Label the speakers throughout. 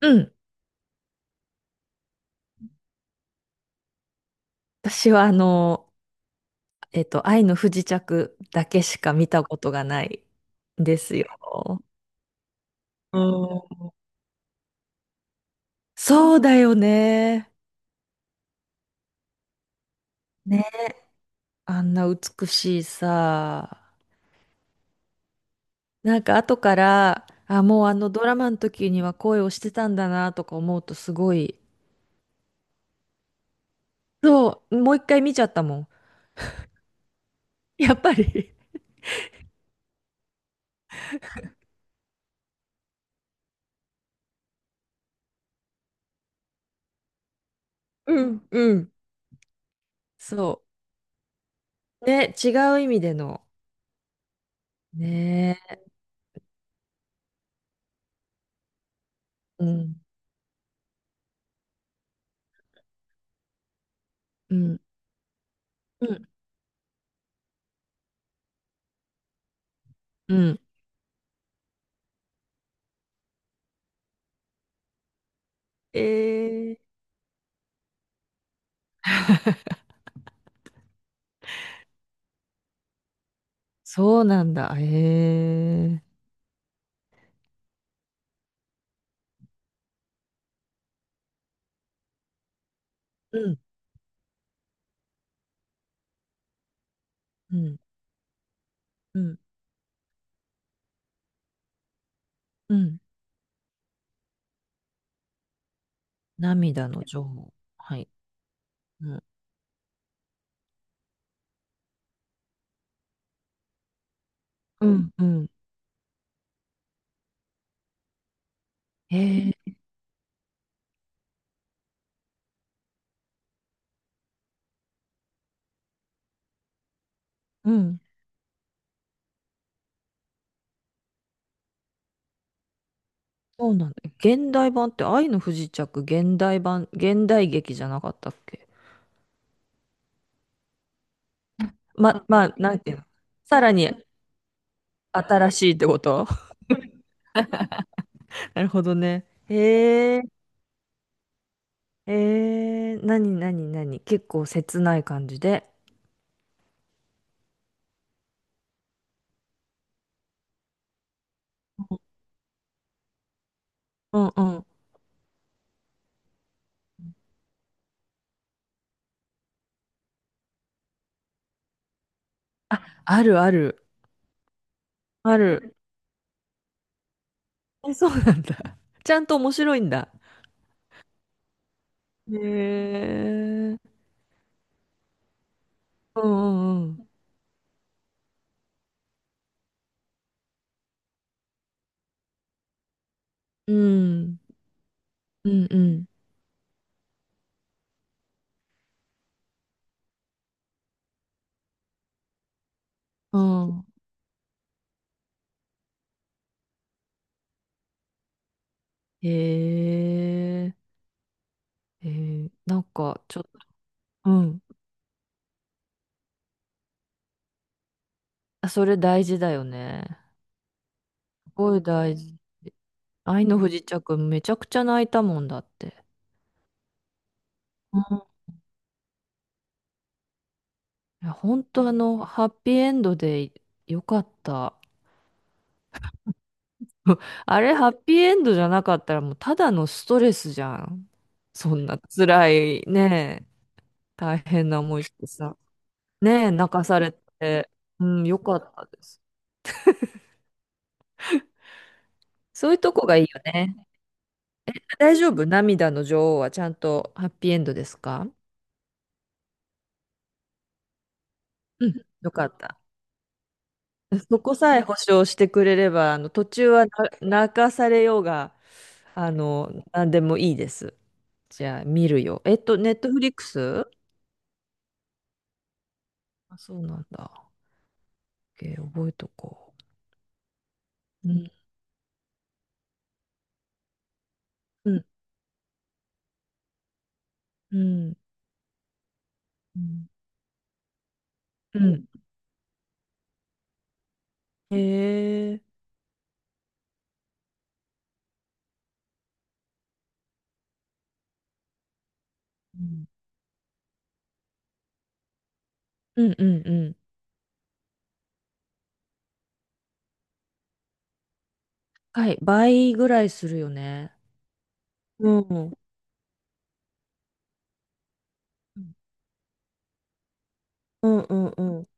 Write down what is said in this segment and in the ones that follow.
Speaker 1: うん。私は愛の不時着だけしか見たことがないんですよ。うん。そうだよね。ね。あんな美しいさ。なんか後から、あ、もうあのドラマの時には恋をしてたんだなとか思うとすごい。そう、もう一回見ちゃったもん。やっぱり。うんうん。そう。ね、違う意味での。ね。うん。うん。うん。うん。えー、そうなんだ。へえ。うん、うん、うん、うん。涙の女王。はい。うん、うん、うん。へえ、うん。そうなんだ。現代版って愛の不時着、現代版、現代劇じゃなかったっけ？ま、まあ、なんていうの。さらに新しいってこと？ なるほどね。へえ、へえ、なになになに結構切ない感じで。うん、うん。あるある。ある。え、そうなんだ。ちゃんと面白いんだ。へえ。うんうんうん。うん。うんうん。うん。へえ。へえ。なんか、ちょっと、うん。あ、それ大事だよね。すごい大事。愛の不時着、めちゃくちゃ泣いたもんだって。うん。いや、本当ハッピーエンドでよかった。あれ、ハッピーエンドじゃなかったら、もうただのストレスじゃん。そんな辛い、ねえ、大変な思いしてさ。ねえ、泣かされて、うん、よかったです。そういうとこがいいよね。大丈夫。涙の女王はちゃんとハッピーエンドですか？うん、よかった。そこさえ保証してくれれば、途中はな泣かされようが、なんでもいいです。じゃあ、見るよ。ネットフリックス？あ、そうなんだ。OK、 覚えとこう。うん、うん、うん、うん。うん。へえ。うん、うん、うん。うん。はい、倍ぐらいするよね。うん、うん、うん、うん、うん、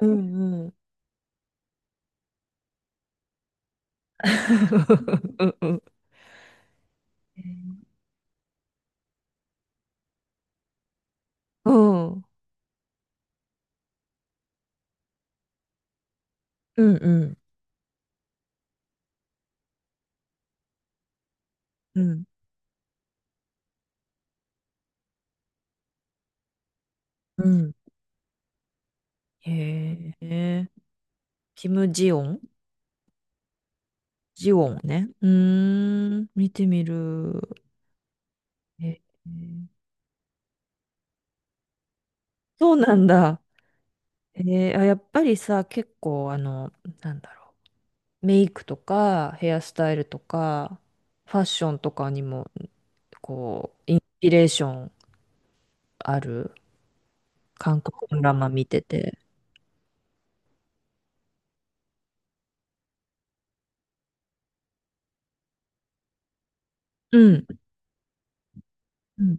Speaker 1: うん、うん、うんうん、うんうんうんうん。へえ、キム・ジヨン。ジヨンね。うーん、見てみる。へえ。そうなんだ。えー、あ、やっぱりさ、結構、なんだろう。メイクとか、ヘアスタイルとか、ファッションとかにも、こう、インスピレーションある、韓国ドラマ見てて。うんうん、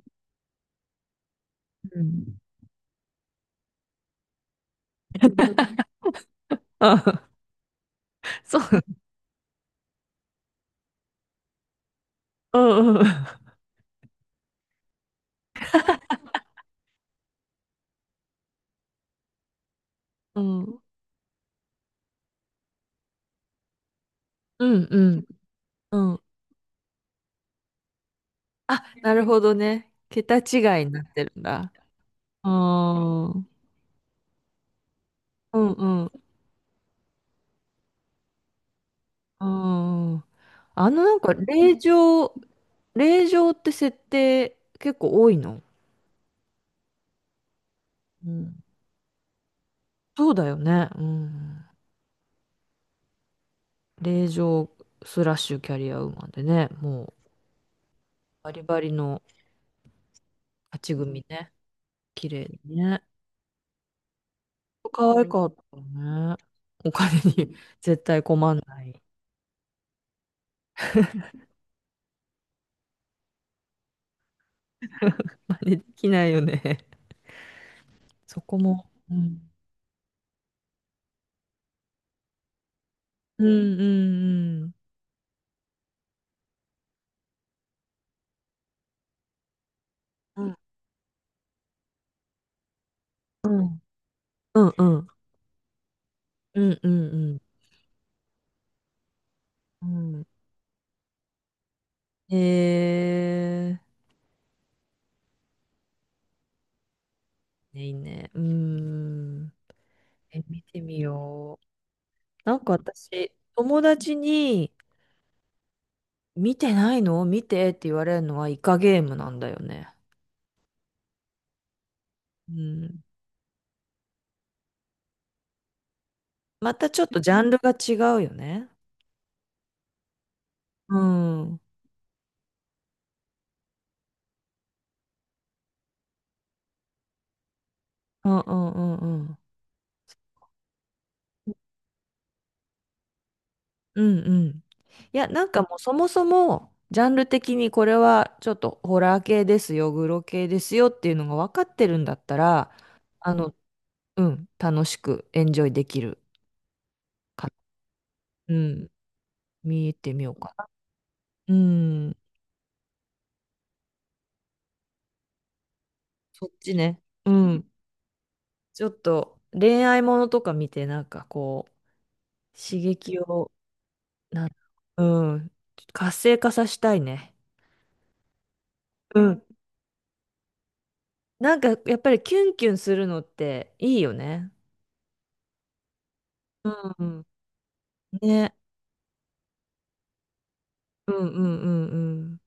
Speaker 1: うん。あ、そう。うんうん。うん。うんうん。うん。あ、なるほどね。桁違いになってるんだ。うーうん。うんうん。うん。なんか、令状って設定結構多いの？うん。そうだよね。うん。令状スラッシュキャリアウーマンでね、もうバリバリの勝ち組ね。綺麗にね。可愛かったね。お金に 絶対困んない。真似できないよね。そこも。うん。うんうんうん。うん。うんうんうんうんうんうん。えー、いいね。うん。え、見てみよう。なんか私、友達に、見てないの見てって言われるのはイカゲームなんだよね。うん。またちょっとジャンルが違うよね。うん。うんうんうんうん。うんうん。いや、なんかもうそもそも、ジャンル的にこれはちょっとホラー系ですよ、グロ系ですよっていうのが分かってるんだったら、あの、うん、楽しくエンジョイできるかな。うん、見てみようかな。うん、そっちね。うん。ちょっと恋愛ものとか見て、なんかこう、刺激を、なん、うん、活性化させたいね。うん。なんかやっぱりキュンキュンするのっていいよね。うん。ね。うんうんうんうん。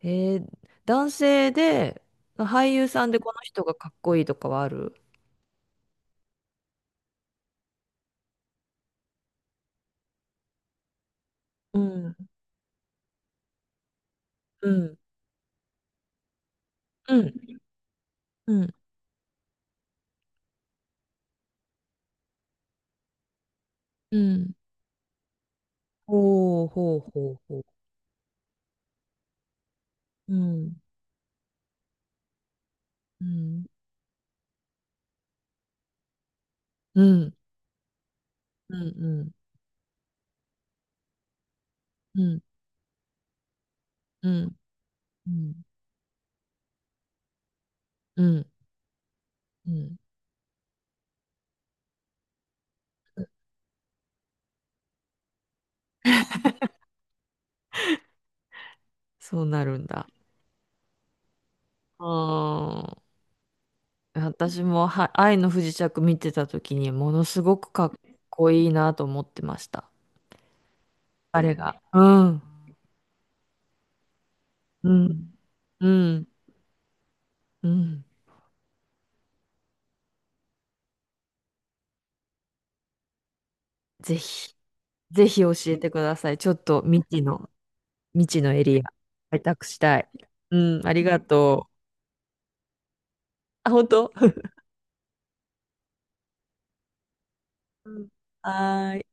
Speaker 1: えー、男性で、俳優さんでこの人がかっこいいとかはある？うん。うん。うん。うん。うん。ほうほうほうほう。うん。うん。うん。うん。うん。うん。うん。うん。うん。そうなるんだ。あー、私は愛の不時着見てた時にものすごくかっこいいなと思ってました。彼が。うん。うん。うん。うん。ぜひ、教えてください。ちょっと未知の、エリア、開拓したい。うん、ありがとう。あ、本当。 うん。はーい。